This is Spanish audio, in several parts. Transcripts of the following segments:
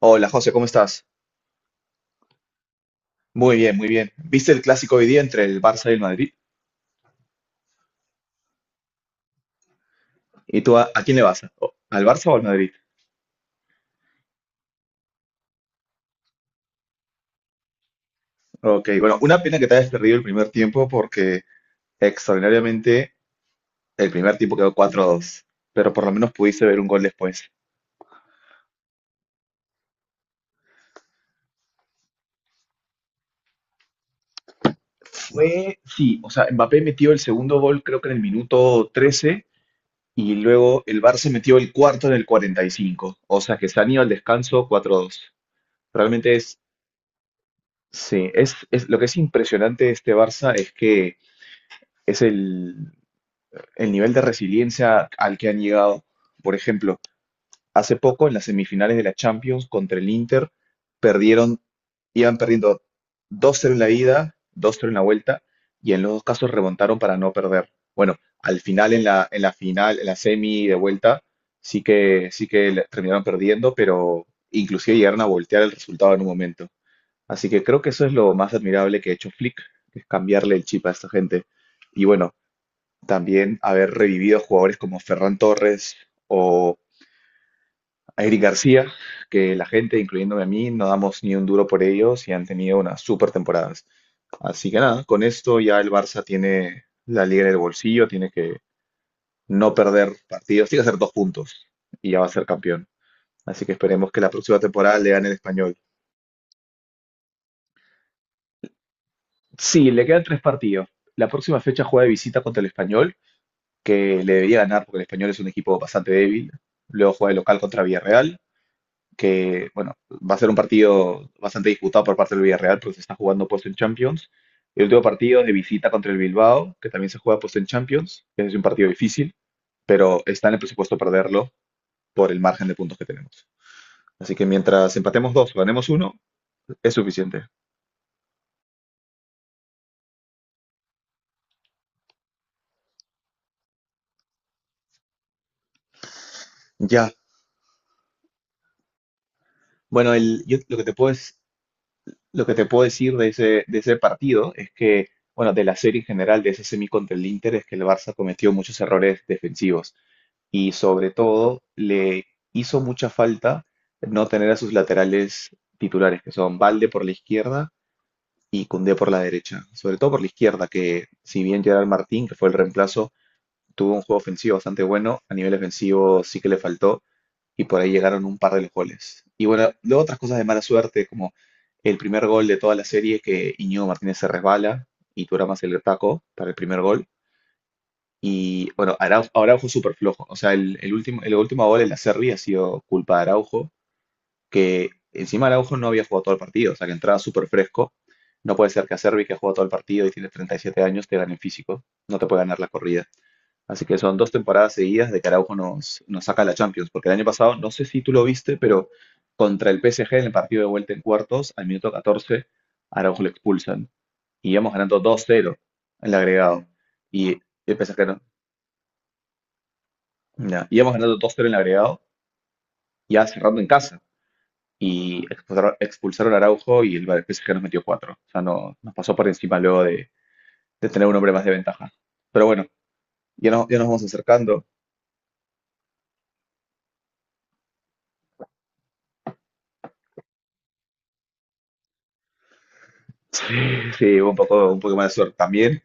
Hola José, ¿cómo estás? Muy bien, muy bien. ¿Viste el clásico hoy día entre el Barça y el Madrid? ¿Y tú a quién le vas? ¿Al Barça o al Madrid? Ok, bueno, una pena que te hayas perdido el primer tiempo porque extraordinariamente el primer tiempo quedó 4-2, pero por lo menos pudiste ver un gol después. Sí, o sea, Mbappé metió el segundo gol creo que en el minuto 13 y luego el Barça metió el cuarto en el 45, o sea que se han ido al descanso 4-2. Realmente sí, es lo que es impresionante de este Barça es que es el nivel de resiliencia al que han llegado. Por ejemplo, hace poco en las semifinales de la Champions contra el Inter, perdieron, iban perdiendo dos 0 en la ida, dos 0 en la vuelta, y en los dos casos remontaron para no perder. Bueno, al final, en la final, en la semi de vuelta, sí que terminaron perdiendo, pero inclusive llegaron a voltear el resultado en un momento. Así que creo que eso es lo más admirable que ha hecho Flick, que es cambiarle el chip a esta gente. Y bueno, también haber revivido jugadores como Ferran Torres o Eric García, que la gente, incluyéndome a mí, no damos ni un duro por ellos y han tenido unas super temporadas. Así que nada, con esto ya el Barça tiene la liga en el bolsillo, tiene que no perder partidos, tiene que hacer dos puntos y ya va a ser campeón. Así que esperemos que la próxima temporada le gane el español. Sí, le quedan tres partidos. La próxima fecha juega de visita contra el español, que le debería ganar porque el español es un equipo bastante débil. Luego juega de local contra Villarreal que, bueno, va a ser un partido bastante disputado por parte del Villarreal, porque se está jugando puesto en Champions. El último partido es de visita contra el Bilbao, que también se juega puesto en Champions, que es un partido difícil, pero está en el presupuesto perderlo por el margen de puntos que tenemos. Así que mientras empatemos dos o ganemos uno, es suficiente. Ya. Bueno, el, yo lo que te puedo, es- lo que te puedo decir de ese partido es que, bueno, de la serie en general, de ese semi contra el Inter, es que el Barça cometió muchos errores defensivos. Y sobre todo le hizo mucha falta no tener a sus laterales titulares, que son Balde por la izquierda y Koundé por la derecha, sobre todo por la izquierda, que si bien Gerard Martín, que fue el reemplazo, tuvo un juego ofensivo bastante bueno, a nivel ofensivo sí que le faltó y por ahí llegaron un par de los goles. Y bueno, luego otras cosas de mala suerte, como el primer gol de toda la serie que Iñigo Martínez se resbala y Turamas se le taco para el primer gol. Y bueno, Araujo súper flojo. O sea, el último gol en la serie ha sido culpa de Araujo, que encima Araujo no había jugado todo el partido, o sea, que entraba súper fresco. No puede ser que a Acerbi, que ha jugado todo el partido y tiene 37 años, te gane en físico. No te puede ganar la corrida. Así que son dos temporadas seguidas de que Araujo nos saca la Champions. Porque el año pasado, no sé si tú lo viste, pero contra el PSG en el partido de vuelta en cuartos, al minuto 14, Araujo lo expulsan. Y íbamos ganando 2-0 en el agregado. Y el PSG no- Ya, íbamos ganando dos 0 en el agregado, ya cerrando en casa. Y expulsaron a Araujo y el PSG nos metió cuatro. O sea, no, nos pasó por encima luego de tener un hombre más de ventaja. Pero bueno, ya, no- ya nos vamos acercando. Sí, hubo un poco más de suerte también.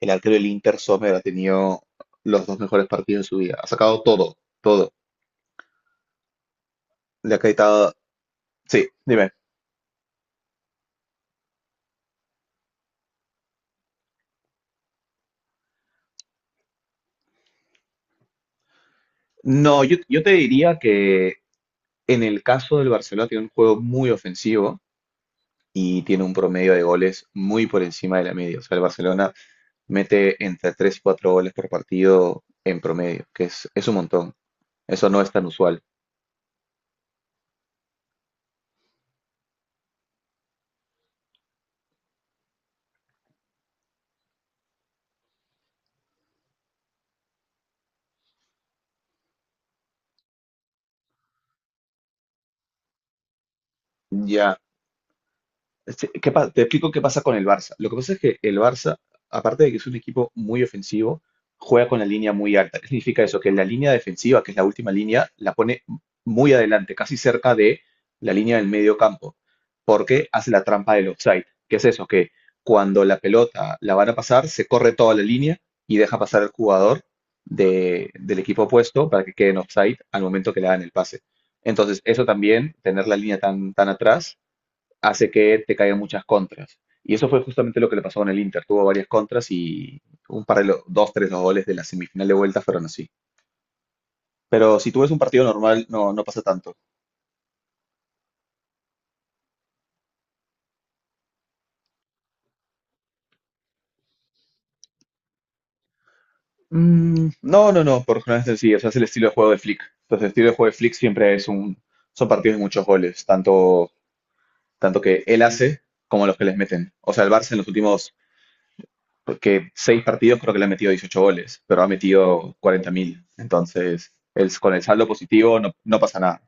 El arquero del Inter, Sommer, ha tenido los dos mejores partidos de su vida. Ha sacado todo, todo. Le ha quitado. Sí, dime. No, yo te diría que en el caso del Barcelona tiene un juego muy ofensivo y tiene un promedio de goles muy por encima de la media. O sea, el Barcelona mete entre 3 y 4 goles por partido en promedio, que es un montón. Eso no es tan usual. Ya, sí, te explico qué pasa con el Barça. Lo que pasa es que el Barça, aparte de que es un equipo muy ofensivo, juega con la línea muy alta. ¿Qué significa eso? Que la línea defensiva, que es la última línea, la pone muy adelante, casi cerca de la línea del medio campo, porque hace la trampa del offside. ¿Qué es eso? Que cuando la pelota la van a pasar, se corre toda la línea y deja pasar al jugador del equipo opuesto para que quede en offside al momento que le dan el pase. Entonces, eso también, tener la línea tan, tan atrás, hace que te caigan muchas contras. Y eso fue justamente lo que le pasó con el Inter. Tuvo varias contras y un par de dos, tres, los goles de la semifinal de vuelta fueron así. Pero si tú ves un partido normal, no pasa tanto. Mm, no, no, no, por jornadas sencillas. Es el estilo de juego de Flick. Entonces, el estilo de juego de Flick siempre son partidos de muchos goles, tanto que él hace como los que les meten. O sea, el Barça en los últimos que seis partidos creo que le ha metido 18 goles, pero ha metido 40.000. Entonces, con el saldo positivo no pasa nada.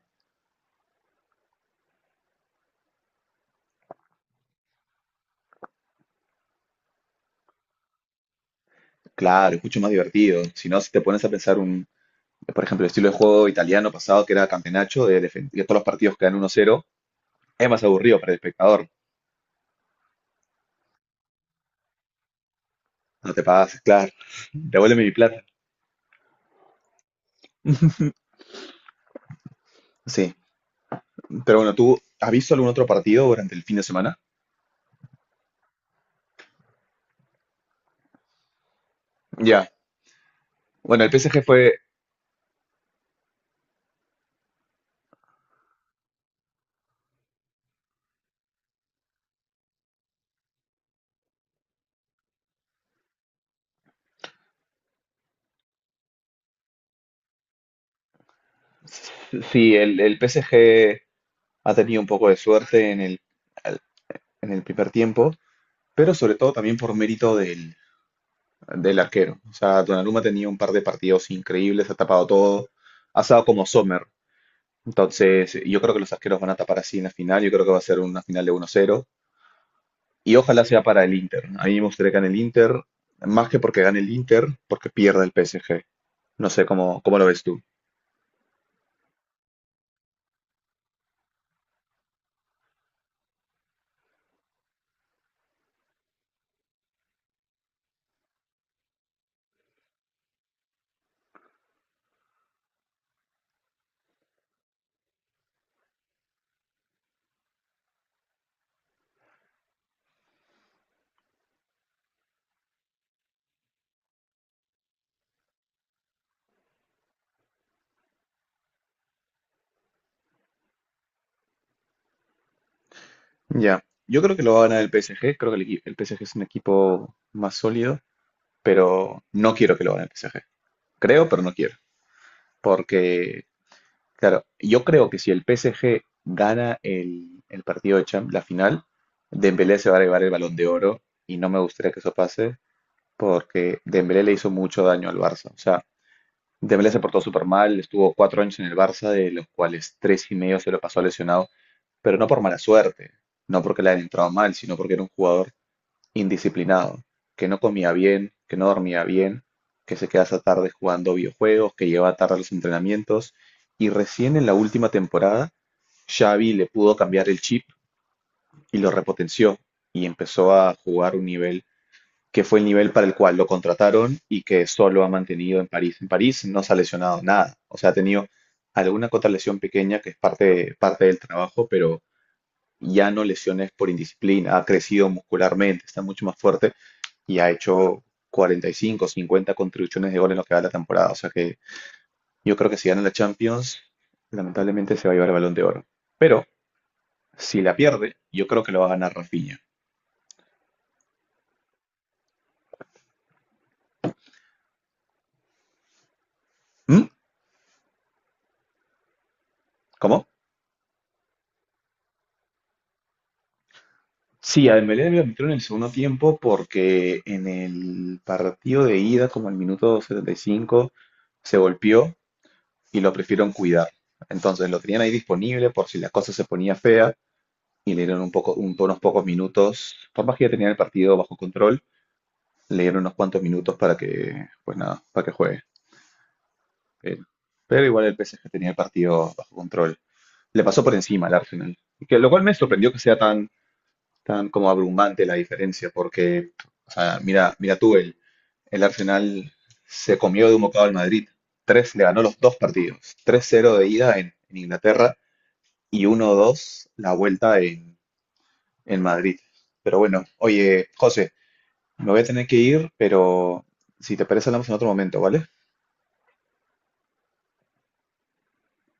Claro, es mucho más divertido. Si no, si te pones a pensar por ejemplo, el estilo de juego italiano pasado, que era campeonato, de defender todos los partidos quedan 1-0, es más aburrido para el espectador. No te pagas, claro, devuélveme mi plata. Sí, pero bueno, ¿tú has visto algún otro partido durante el fin de semana? Ya. Bueno, sí, el PSG ha tenido un poco de suerte al- en el primer tiempo, pero sobre todo también por mérito del arquero. O sea, Donnarumma tenía un par de partidos increíbles, ha tapado todo, ha estado como Sommer. Entonces, yo creo que los arqueros van a tapar así en la final, yo creo que va a ser una final de 1-0 y ojalá sea para el Inter. A mí me gustaría que gane el Inter, más que porque gane el Inter, porque pierda el PSG. No sé cómo lo ves tú. Ya, yo creo que lo va a ganar el PSG, creo que el PSG es un equipo más sólido, pero no quiero que lo gane el PSG. Creo, pero no quiero, porque, claro, yo creo que si el PSG gana el partido de Champions, la final, Dembélé se va a llevar el Balón de Oro y no me gustaría que eso pase porque Dembélé le hizo mucho daño al Barça. O sea, Dembélé se portó súper mal, estuvo 4 años en el Barça, de los cuales tres y medio se lo pasó lesionado, pero no por mala suerte, no porque le hayan entrado mal, sino porque era un jugador indisciplinado, que no comía bien, que no dormía bien, que se queda hasta tarde jugando videojuegos, que lleva tarde a los entrenamientos. Y recién en la última temporada, Xavi le pudo cambiar el chip y lo repotenció y empezó a jugar un nivel que fue el nivel para el cual lo contrataron y que solo ha mantenido en París. En París no se ha lesionado nada, o sea, ha tenido alguna que otra lesión pequeña que es parte del trabajo, pero ya no lesiones por indisciplina, ha crecido muscularmente, está mucho más fuerte y ha hecho 45, 50 contribuciones de gol en lo que va de la temporada. O sea que yo creo que si gana la Champions, lamentablemente se va a llevar el Balón de Oro. Pero si la pierde, yo creo que lo va a ganar Rafinha. ¿Mm? ¿Cómo? Sí, a Dembélé le metió en el segundo tiempo porque en el partido de ida, como al minuto 75, se golpeó y lo prefirieron cuidar. Entonces lo tenían ahí disponible por si la cosa se ponía fea y le dieron unos pocos minutos. Por más que ya tenía el partido bajo control, le dieron unos cuantos minutos para que, pues nada, para que juegue. Pero, pero igual el PSG tenía el partido bajo control. Le pasó por encima al Arsenal. Y lo cual me sorprendió que sea tan como abrumante la diferencia, porque, o sea, mira, mira tú, el, Arsenal se comió de un bocado al Madrid. Le ganó los dos partidos. 3-0 de ida en Inglaterra y 1-2 la vuelta en Madrid. Pero bueno, oye, José, me voy a tener que ir, pero si te parece hablamos en otro momento, ¿vale?